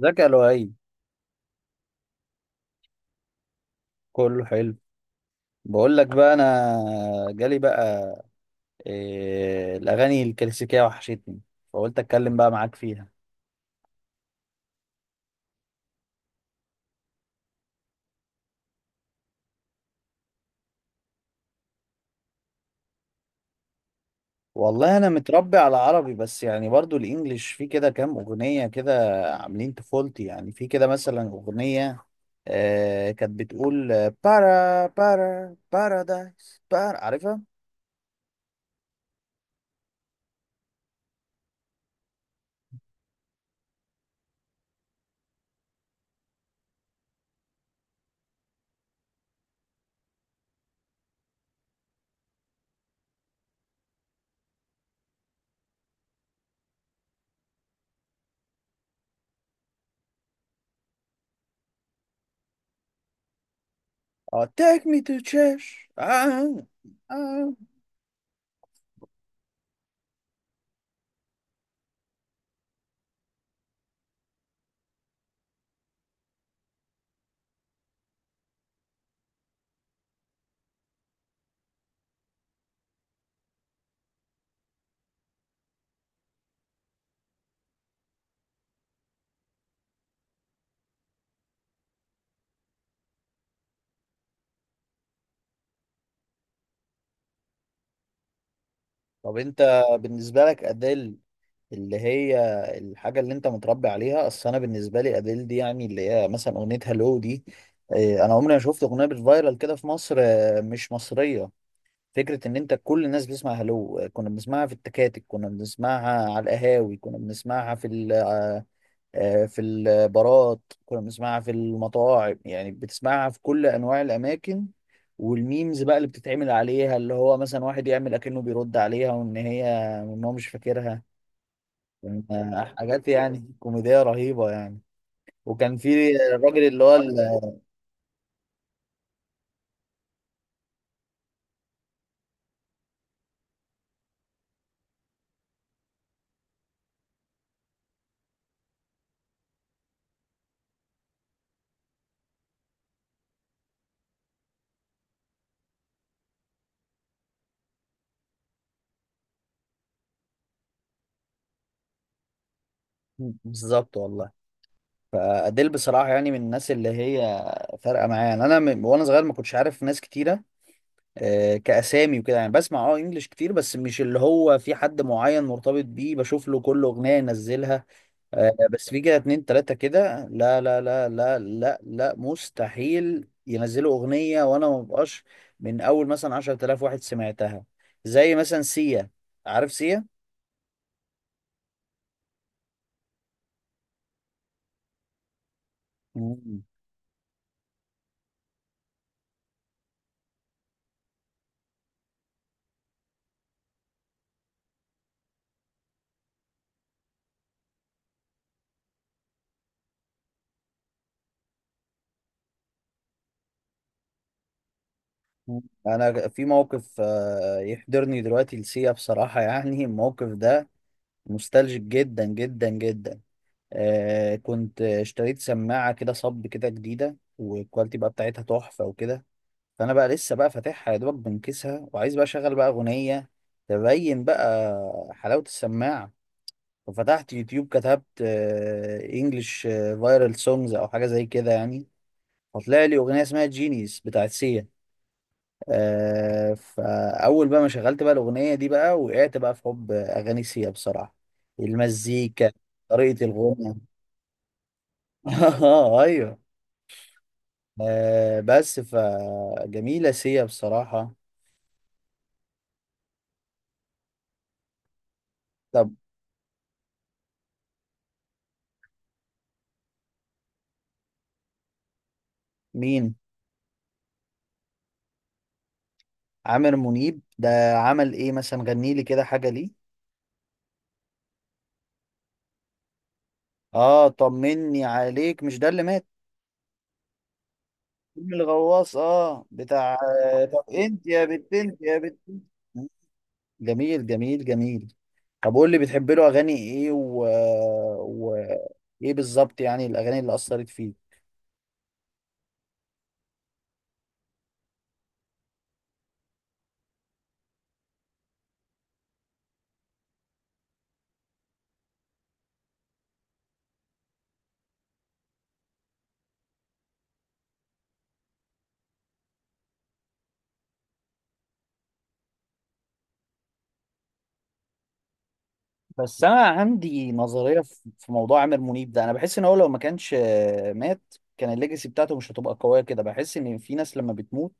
ذكاء لؤي. كله حلو. بقول لك بقى، انا جالي بقى إيه؟ الاغاني الكلاسيكيه وحشتني، فقلت اتكلم بقى معاك فيها. والله انا متربي على عربي، بس يعني برضو الانجليش في كده كام اغنيه كده عاملين طفولتي، يعني في كده مثلا اغنيه كانت بتقول بارا بارا بارادايس بارا، عارفها؟ اه، take me to church. آه. آه. طب، انت بالنسبه لك اديل اللي هي الحاجة اللي انت متربي عليها. اصل انا بالنسبة لي اديل دي يعني اللي هي مثلا اغنية هالو دي. انا عمري ما شفت اغنية بالفايرال كده في مصر، مش مصرية. فكرة ان انت كل الناس بتسمع هالو. كنا بنسمعها في التكاتك، كنا بنسمعها على القهاوي، كنا بنسمعها في ال آه، في البارات، كنا بنسمعها في المطاعم، يعني بتسمعها في كل انواع الاماكن. والميمز بقى اللي بتتعمل عليها، اللي هو مثلا واحد يعمل اكنه بيرد عليها وان هي وان هو مش فاكرها. كان حاجات يعني كوميدية رهيبة يعني. وكان في الراجل اللي هو بالظبط والله. فأديل بصراحة يعني من الناس اللي هي فارقة معايا. يعني أنا من وأنا صغير ما كنتش عارف ناس كتيرة، كأسامي وكده، يعني بسمع إنجلش كتير، بس مش اللي هو في حد معين مرتبط بيه بشوف له كل أغنية ينزلها. بس في كده اتنين تلاتة كده، لا لا لا لا لا لا، مستحيل ينزلوا أغنية وأنا ما ببقاش من أول مثلا 10,000 واحد سمعتها. زي مثلا سيا. عارف سيا؟ مم. مم. أنا في موقف يحضرني دلوقتي لسيا بصراحة. يعني الموقف ده مستلجك جدا جدا جدا. كنت اشتريت سماعة كده صب كده جديدة، والكواليتي بقى بتاعتها تحفة وكده. فانا بقى لسه بقى فاتحها يا دوبك، بنكسها وعايز بقى اشغل بقى اغنيه تبين بقى حلاوه السماعه. ففتحت يوتيوب، كتبت انجلش فايرال سونجز او حاجه زي كده يعني. فطلع لي اغنيه اسمها جينيس بتاعت سيا. فاول بقى ما شغلت بقى الاغنيه دي بقى، وقعت بقى في حب اغاني سيا بصراحه. المزيكا، طريقه الغنى. اه، ايوه. بس فجميله سيا بصراحه. طب، مين؟ عامر منيب ده عمل ايه مثلا؟ غني لي كده حاجه ليه. اه، طمني عليك. مش ده اللي مات؟ فيلم الغواص، بتاع. طب، انت يا بت انت يا بت انت. جميل جميل جميل. طب، قول لي بتحب له اغاني ايه و... ايه بالظبط يعني الاغاني اللي اثرت فيه؟ بس انا عندي نظريه في موضوع عامر منيب ده. انا بحس ان هو لو ما كانش مات، كان الليجاسي بتاعته مش هتبقى قويه كده. بحس ان في ناس لما بتموت،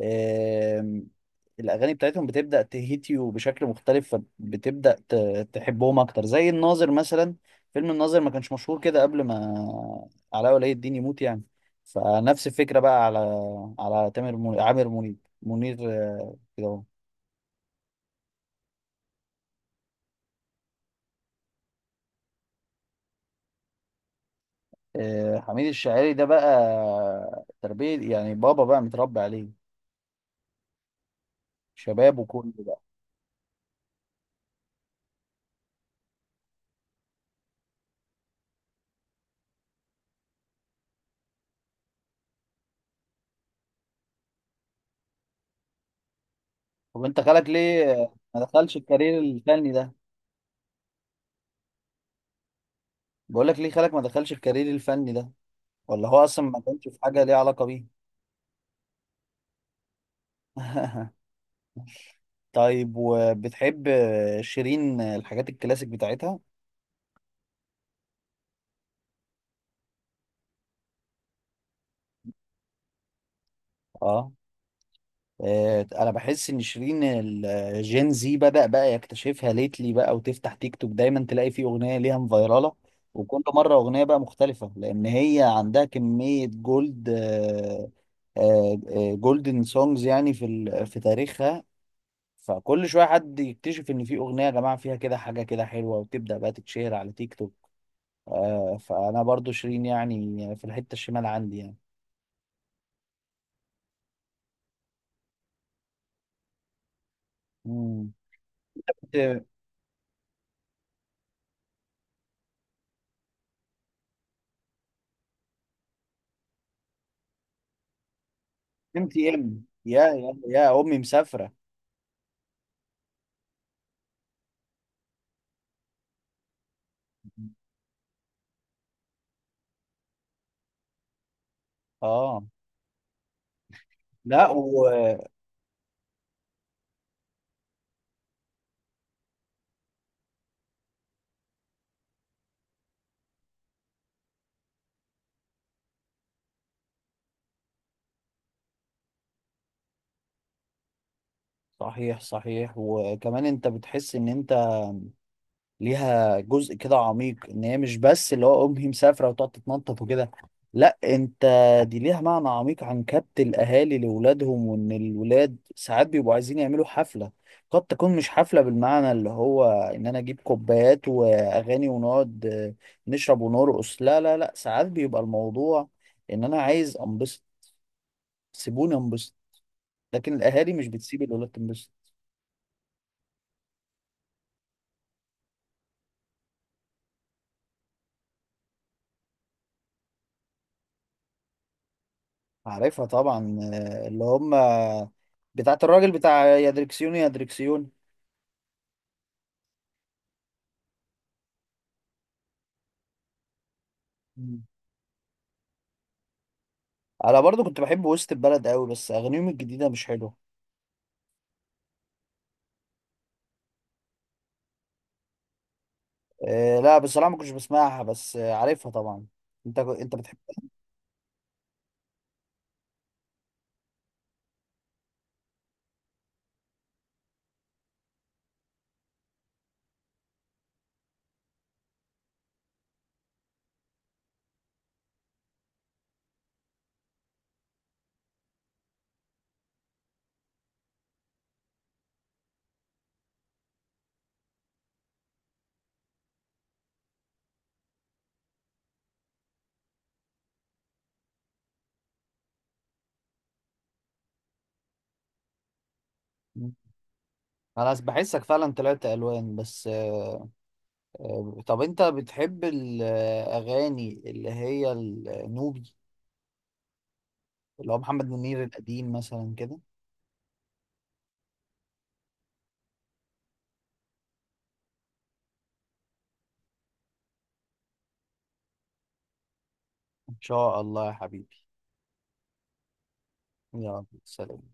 آم، الأغاني بتاعتهم بتبدأ تهيت يو بشكل مختلف، فبتبدأ تحبهم أكتر، زي الناظر مثلا. فيلم الناظر ما كانش مشهور كده قبل ما علاء ولي الدين يموت يعني. فنفس الفكرة بقى على تامر منير عامر منيب منير، كده أهو. حميد الشاعري ده بقى تربية، يعني بابا بقى متربي عليه شباب وكل بقى. طب، انت خالك ليه ما دخلش الكارير الفني ده؟ بقول لك ليه خالك ما دخلش الكارير الفني ده؟ ولا هو اصلا ما كانش في حاجه ليها علاقه بيه؟ طيب، وبتحب شيرين الحاجات الكلاسيك بتاعتها؟ اه. انا بحس ان شيرين الجين زي بدأ بقى يكتشفها ليتلي بقى، وتفتح تيك توك دايما تلاقي فيه اغنيه ليها مفيراله. وكل مره اغنيه بقى مختلفه، لان هي عندها كميه جولدن سونجز يعني في في تاريخها. فكل شويه حد يكتشف ان في اغنيه يا جماعه فيها كده حاجه كده حلوه، وتبدأ بقى تتشهر على تيك توك. فانا برضو شيرين يعني في الحته الشمال عندي يعني. امم ام تي ام، يا يا يا امي مسافره. اه، لا. صحيح، صحيح. وكمان انت بتحس ان انت ليها جزء كده عميق، ان هي مش بس اللي هو امي مسافره وتقعد تتنطط وكده. لا، انت دي ليها معنى عميق عن كبت الاهالي لاولادهم، وان الولاد ساعات بيبقوا عايزين يعملوا حفله. قد تكون مش حفله بالمعنى اللي هو ان انا اجيب كوبايات واغاني ونقعد نشرب ونرقص. لا لا لا، ساعات بيبقى الموضوع ان انا عايز انبسط، سيبوني انبسط. لكن الاهالي مش بتسيب الولاد تنبسط. عارفها طبعا. اللي هم بتاعت الراجل بتاع يا دركسيون يا دركسيون. مم. انا برضو كنت بحب وسط البلد قوي، بس اغانيهم الجديده مش حلوه. أه، لا، بصراحه ما كنتش بسمعها، بس عارفها طبعا. انت بتحب. انا بحسك فعلا طلعت الوان بس أه. طب، انت بتحب الاغاني اللي هي النوبي، اللي هو محمد منير القديم مثلا كده؟ ان شاء الله يا حبيبي. يلا، سلام.